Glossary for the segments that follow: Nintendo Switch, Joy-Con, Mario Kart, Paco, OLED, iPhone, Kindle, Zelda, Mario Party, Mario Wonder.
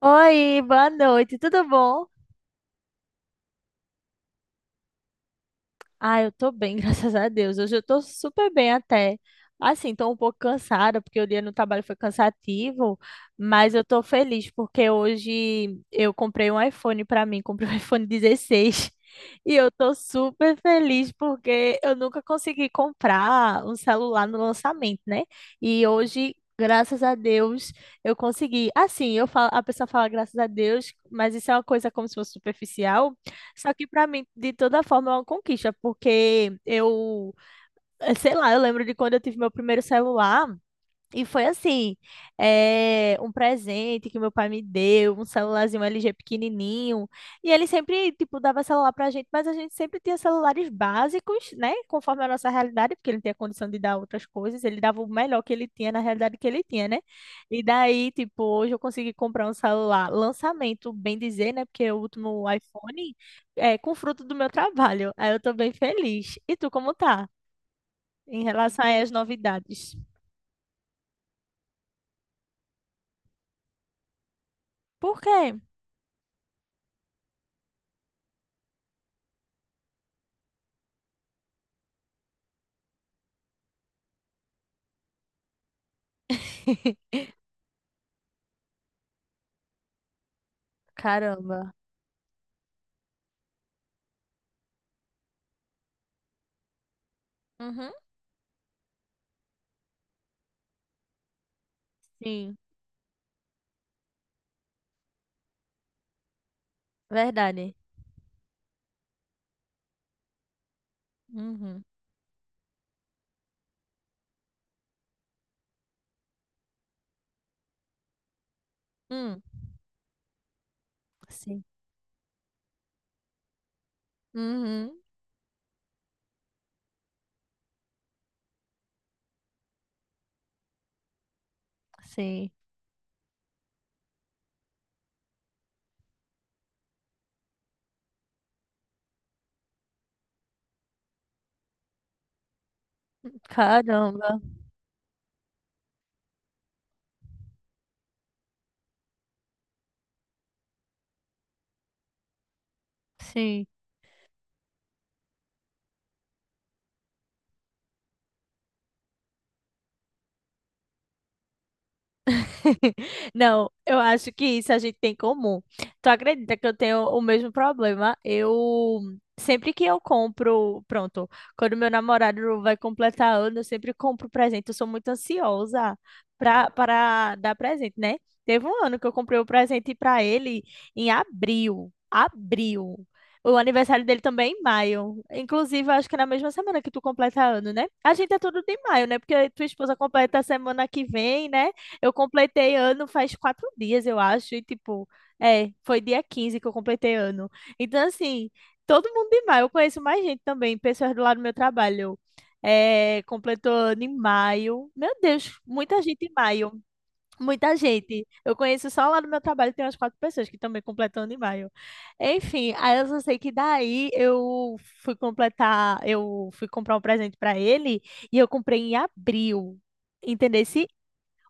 Oi, boa noite, tudo bom? Ah, eu tô bem, graças a Deus. Hoje eu tô super bem até. Assim, tô um pouco cansada, porque o dia no trabalho foi cansativo, mas eu tô feliz porque hoje eu comprei um iPhone pra mim, comprei um iPhone 16. E eu tô super feliz porque eu nunca consegui comprar um celular no lançamento, né? E hoje, graças a Deus, eu consegui. Assim, eu falo, a pessoa fala graças a Deus, mas isso é uma coisa como se fosse superficial. Só que pra mim, de toda forma, é uma conquista, porque eu, sei lá, eu lembro de quando eu tive meu primeiro celular, e foi assim, um presente que meu pai me deu, um celularzinho LG pequenininho. E ele sempre, tipo, dava celular pra gente, mas a gente sempre tinha celulares básicos, né? Conforme a nossa realidade, porque ele não tinha condição de dar outras coisas. Ele dava o melhor que ele tinha na realidade que ele tinha, né? E daí, tipo, hoje eu consegui comprar um celular lançamento, bem dizer, né? Porque o último iPhone é com fruto do meu trabalho. Aí eu tô bem feliz. E tu, como tá? Em relação aí às novidades. Por quê? Caramba. Uhum. Sim, verdade. Uhum. Hum. Sim. Uhum. Sim. Caramba. Sim. Não, eu acho que isso a gente tem em comum. Tu acredita que eu tenho o mesmo problema? Eu sempre que eu compro, pronto, quando meu namorado vai completar ano, eu sempre compro presente. Eu sou muito ansiosa pra, para dar presente, né? Teve um ano que eu comprei o presente pra ele em abril. Abril. O aniversário dele também é em maio. Inclusive, eu acho que é na mesma semana que tu completa ano, né? A gente é tudo de maio, né? Porque tua esposa completa a semana que vem, né? Eu completei ano faz 4 dias, eu acho, e tipo, é, foi dia 15 que eu completei ano. Então, assim, todo mundo em maio, eu conheço mais gente também, pessoas do lado do meu trabalho. É, completou ano em maio. Meu Deus, muita gente em maio. Muita gente. Eu conheço só lá do meu trabalho, tem umas quatro pessoas que também completam ano em maio. Enfim, aí eu só sei que daí eu fui completar, eu fui comprar um presente para ele e eu comprei em abril. Entendeu?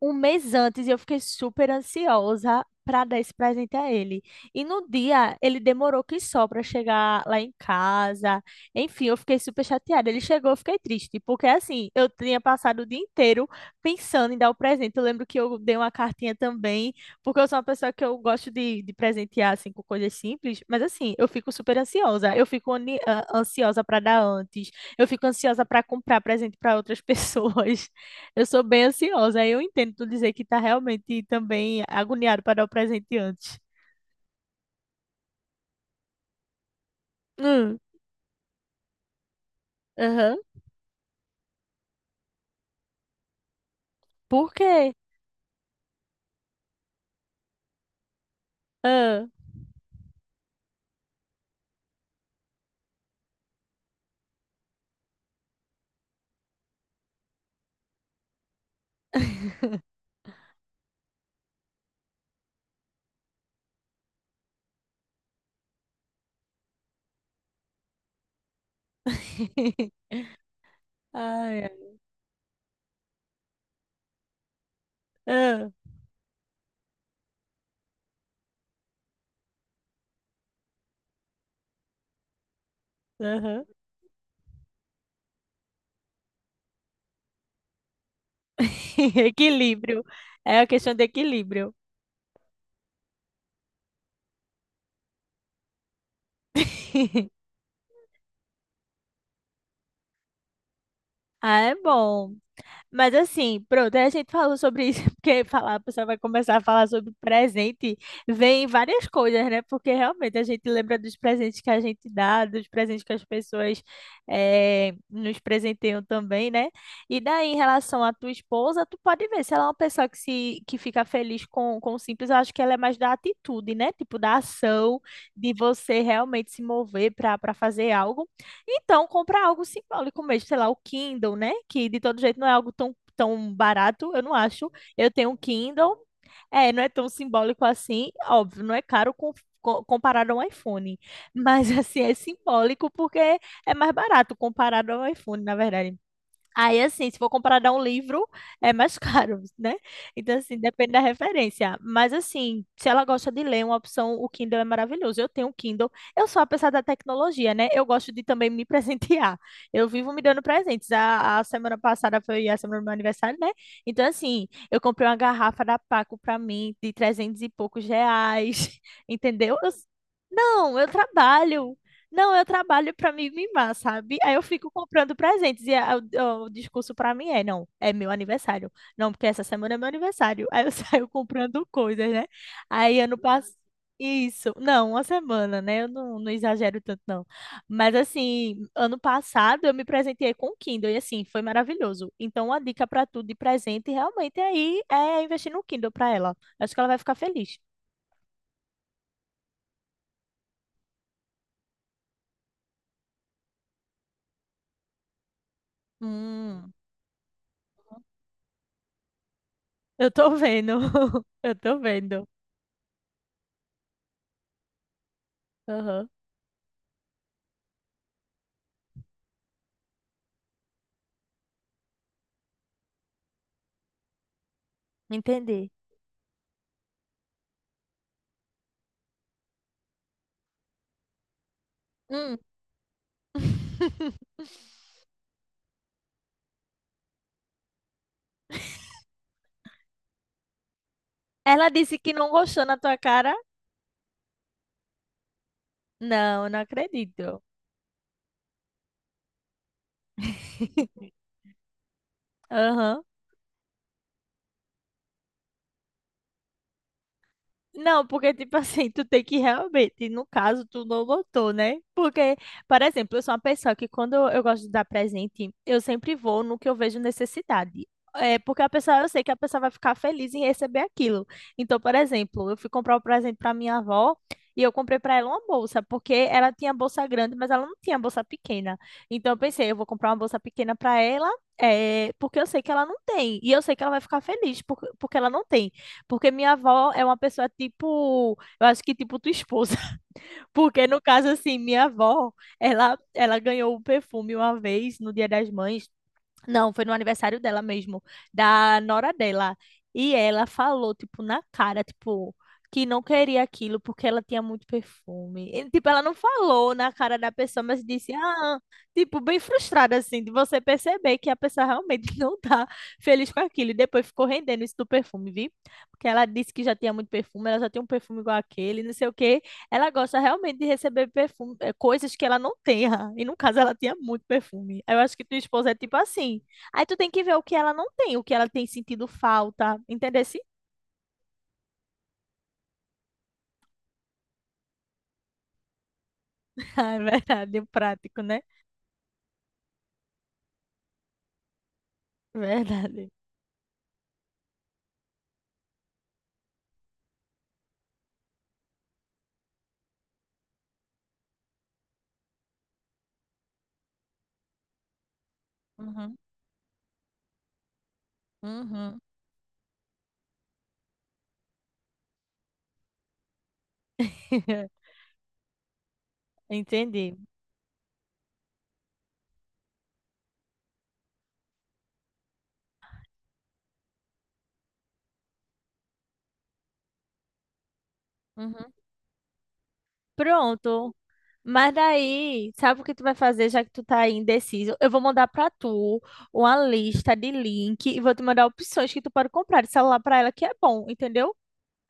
Um mês antes e eu fiquei super ansiosa para dar esse presente a ele. E no dia ele demorou que só para chegar lá em casa. Enfim, eu fiquei super chateada. Ele chegou, eu fiquei triste, porque assim, eu tinha passado o dia inteiro pensando em dar o presente. Eu lembro que eu dei uma cartinha também, porque eu sou uma pessoa que eu gosto de presentear assim com coisas simples, mas assim, eu fico super ansiosa. Eu fico ansiosa para dar antes. Eu fico ansiosa para comprar presente para outras pessoas. Eu sou bem ansiosa, aí eu entendo tu dizer que tá realmente também agoniado para dar o presente antes. Hum. Aham. Por quê? Ah. Ai, ai. Ah. Aham. Equilíbrio. É a questão de equilíbrio. Ah, é bom. Mas assim, pronto, aí a gente falou sobre isso, porque falar, a pessoa vai começar a falar sobre presente, vem várias coisas, né? Porque realmente a gente lembra dos presentes que a gente dá, dos presentes que as pessoas nos presenteiam também, né? E daí, em relação à tua esposa, tu pode ver, se ela é uma pessoa que, se, que fica feliz com o simples, eu acho que ela é mais da atitude, né? Tipo, da ação, de você realmente se mover para fazer algo. Então, compra algo simbólico mesmo, sei lá, o Kindle, né? Que de todo jeito não é algo tão, tão barato, eu não acho. Eu tenho um Kindle, é, não é tão simbólico assim, óbvio, não é caro comparado a um iPhone, mas assim, é simbólico porque é mais barato comparado ao iPhone, na verdade. Aí, assim, se for comprar dar um livro, é mais caro, né? Então, assim, depende da referência. Mas, assim, se ela gosta de ler, uma opção, o Kindle é maravilhoso. Eu tenho um Kindle. Eu sou a pessoa da tecnologia, né? Eu gosto de também me presentear. Eu vivo me dando presentes. A semana passada foi a semana do meu aniversário, né? Então, assim, eu comprei uma garrafa da Paco pra mim de 300 e poucos reais, entendeu? Eu- não, eu trabalho. Não, eu trabalho pra me mimar, sabe? Aí eu fico comprando presentes e o discurso pra mim é, não, é meu aniversário. Não, porque essa semana é meu aniversário. Aí eu saio comprando coisas, né? Aí ano passado. Isso, não, uma semana, né? Eu não, não exagero tanto, não. Mas assim, ano passado eu me presenteei com o Kindle e assim, foi maravilhoso. Então, uma dica pra tu de presente realmente aí é investir no Kindle pra ela. Acho que ela vai ficar feliz. Hum, eu tô vendo. Eu tô vendo. Aham. Entendi. Hum. Ela disse que não gostou na tua cara? Não, não acredito. Aham. Não, porque, tipo assim, tu tem que realmente, no caso, tu não notou, né? Porque, por exemplo, eu sou uma pessoa que quando eu gosto de dar presente, eu sempre vou no que eu vejo necessidade. É porque a pessoa, eu sei que a pessoa vai ficar feliz em receber aquilo. Então, por exemplo, eu fui comprar um presente para minha avó e eu comprei para ela uma bolsa, porque ela tinha bolsa grande, mas ela não tinha bolsa pequena. Então, eu pensei, eu vou comprar uma bolsa pequena para ela, é, porque eu sei que ela não tem. E eu sei que ela vai ficar feliz por- porque ela não tem. Porque minha avó é uma pessoa tipo, eu acho que tipo tua esposa. Porque no caso assim, minha avó, ela ganhou o perfume uma vez no Dia das Mães, não, foi no aniversário dela mesmo, da nora dela. E ela falou, tipo, na cara, tipo, que não queria aquilo porque ela tinha muito perfume. E, tipo, ela não falou na cara da pessoa, mas disse, ah, tipo, bem frustrada, assim, de você perceber que a pessoa realmente não tá feliz com aquilo. E depois ficou rendendo isso do perfume, viu? Porque ela disse que já tinha muito perfume, ela já tem um perfume igual aquele, não sei o quê. Ela gosta realmente de receber perfume, coisas que ela não tenha. E no caso, ela tinha muito perfume. Eu acho que tua esposa é tipo assim. Aí tu tem que ver o que ela não tem, o que ela tem sentido falta. Entendeu? Ah, é verdade, o prático, né? Verdade. Uhum. Uhum. Entendi. Uhum. Pronto. Mas daí, sabe o que tu vai fazer já que tu tá aí indeciso? Eu vou mandar pra tu uma lista de link e vou te mandar opções que tu pode comprar de celular pra ela que é bom, entendeu?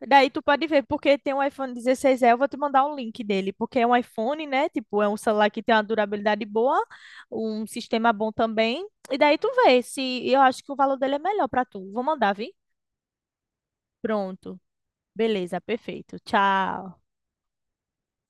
Daí tu pode ver, porque tem um iPhone 16E, eu vou te mandar o link dele, porque é um iPhone, né? Tipo, é um celular que tem uma durabilidade boa, um sistema bom também. E daí tu vê se eu acho que o valor dele é melhor pra tu. Vou mandar, vi? Pronto. Beleza, perfeito. Tchau.